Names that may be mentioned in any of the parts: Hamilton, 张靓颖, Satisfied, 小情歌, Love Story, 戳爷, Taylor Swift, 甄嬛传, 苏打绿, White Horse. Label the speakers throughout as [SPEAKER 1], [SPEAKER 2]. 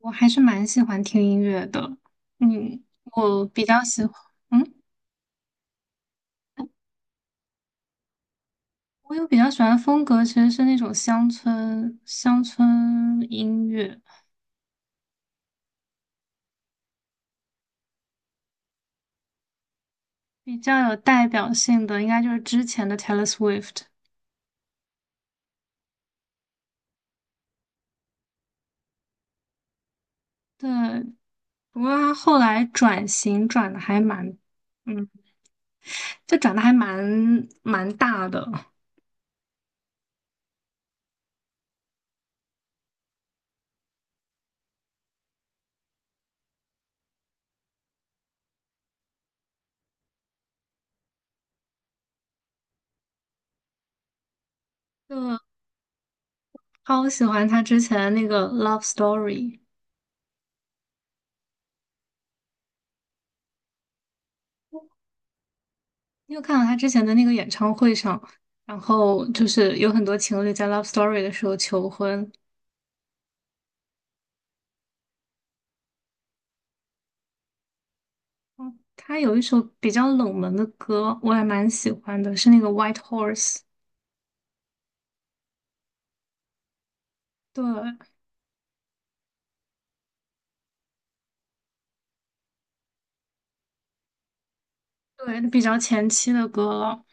[SPEAKER 1] 我还是蛮喜欢听音乐的。我比较喜欢，嗯，我有比较喜欢的风格，其实是那种乡村音乐，比较有代表性的，应该就是之前的 Taylor Swift。对，不过他后来嗯，转的还蛮大的。就超喜欢他之前那个《Love Story》。你有看到他之前的那个演唱会上，然后就是有很多情侣在《Love Story》的时候求婚。嗯，他有一首比较冷门的歌，我还蛮喜欢的，是那个《White Horse》。对，对，比较前期的歌了。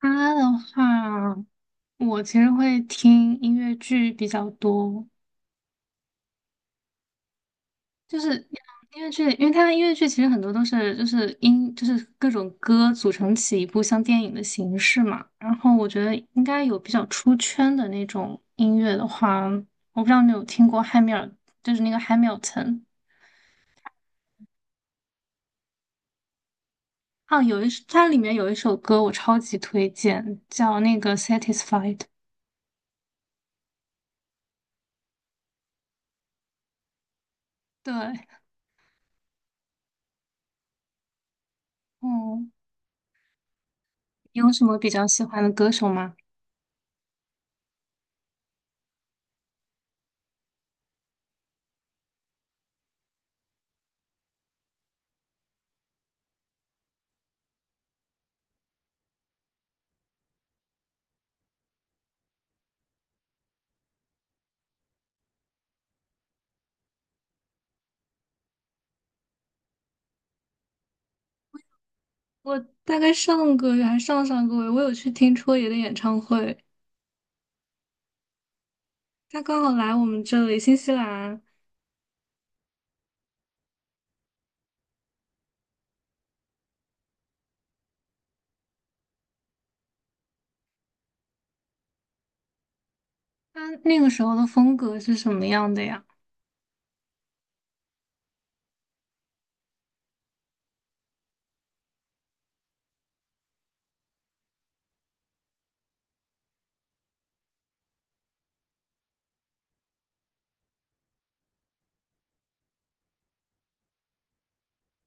[SPEAKER 1] 他的话，我其实会听音乐剧比较多，就是音乐剧，因为它的音乐剧其实很多都是就是音就是各种歌组成起一部像电影的形式嘛。然后我觉得应该有比较出圈的那种音乐的话，我不知道你有听过汉密尔，就是那个 Hamilton 啊，哦有一首它里面有一首歌我超级推荐，叫那个 Satisfied。对。嗯，你有什么比较喜欢的歌手吗？我大概上个月，我有去听戳爷的演唱会，他刚好来我们这里，新西兰，他那个时候的风格是什么样的呀？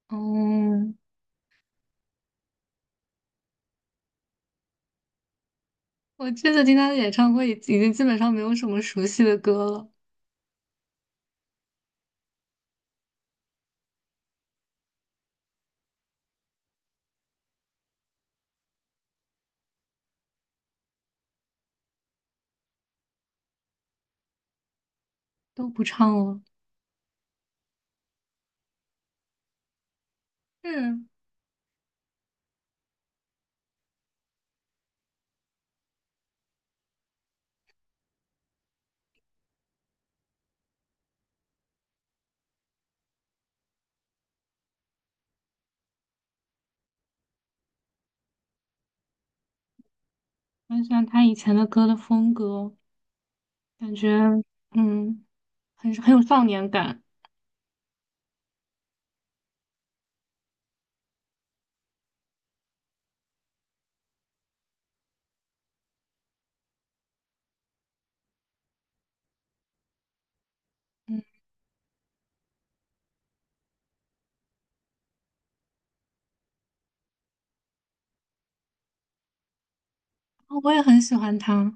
[SPEAKER 1] 哦，我这次听他的演唱会已经基本上没有什么熟悉的歌了，都不唱了。是，很喜欢他以前的歌的风格，感觉嗯，很很有少年感。嗯。哦我也很喜欢他，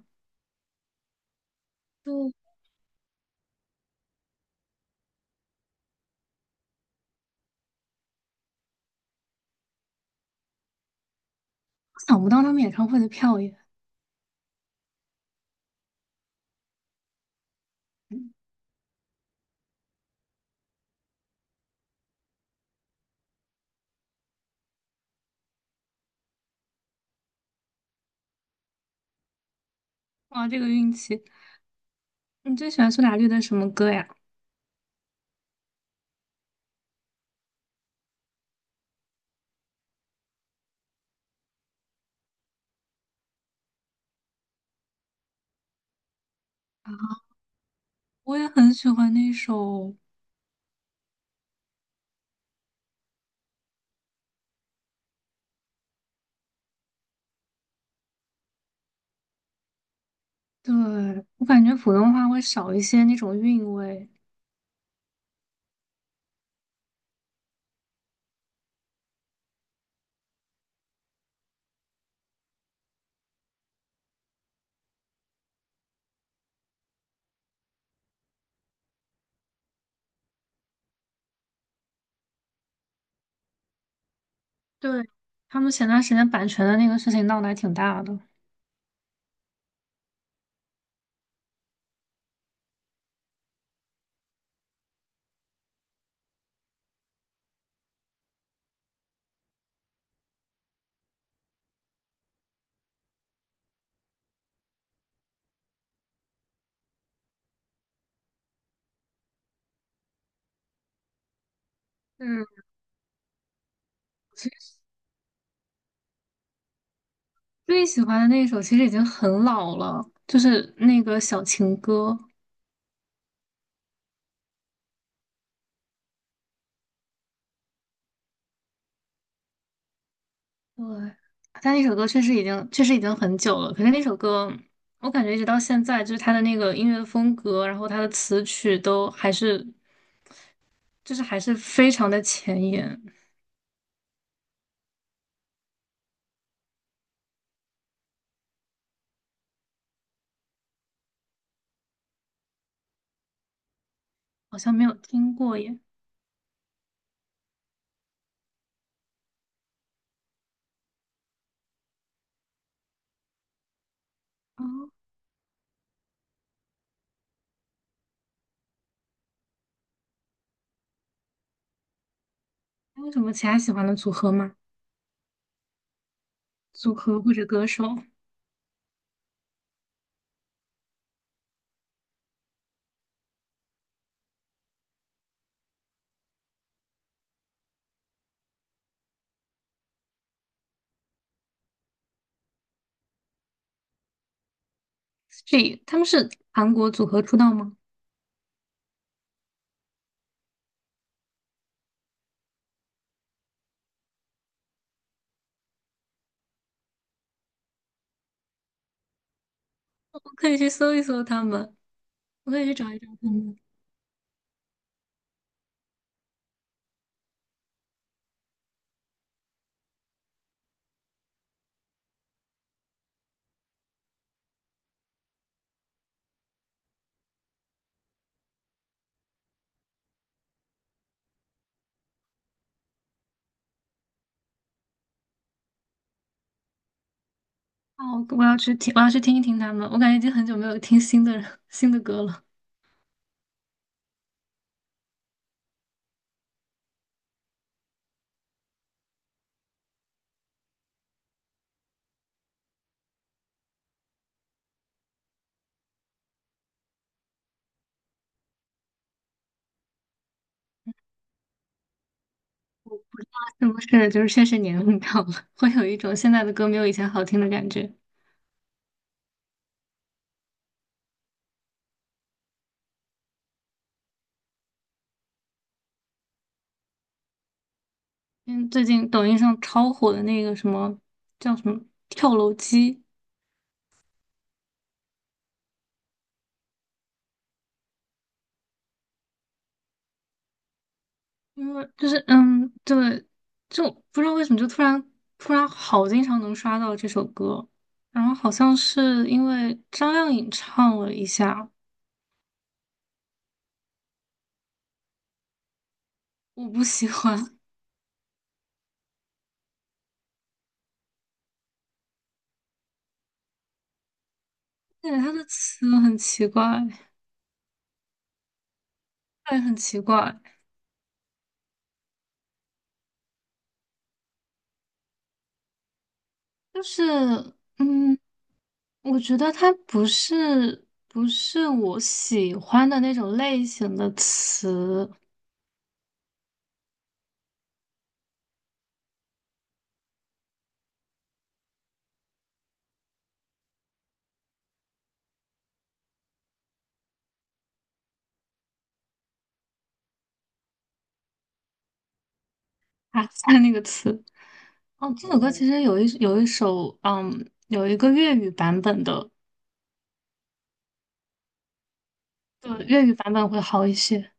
[SPEAKER 1] 就我想不到他们演唱会的票也，嗯，哇，这个运气！你最喜欢苏打绿的什么歌呀？我也很喜欢那首。对，我感觉普通话会少一些那种韵味。对，他们前段时间版权的那个事情闹得还挺大的。嗯，其实最喜欢的那一首其实已经很老了，就是那个《小情歌》。对，但那首歌确实已经很久了。可是那首歌，我感觉一直到现在，就是它的那个音乐风格，然后它的词曲都还是就是还是非常的前沿，好像没有听过耶。哦，还有什么其他喜欢的组合吗？组合或者歌手，这他们是韩国组合出道吗？我可以去搜一搜他们，我可以去找一找他们。哦，我要去听，我要去听一听他们。我感觉已经很久没有听新的歌了，是不是？就是确实年龄到了，会有一种现在的歌没有以前好听的感觉。因为最近抖音上超火的那个什么叫什么跳楼机，因为就是嗯，对，就不知道为什么就突然好经常能刷到这首歌，然后好像是因为张靓颖唱了一下，我不喜欢，对，她的词很奇怪，对，很奇怪，就是嗯，我觉得它不是我喜欢的那种类型的词啊，那个词。哦，这首歌其实有一首，嗯，有一个粤语版本的，就粤语版本会好一些。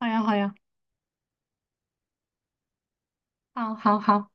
[SPEAKER 1] 好呀，好呀，好，好，好。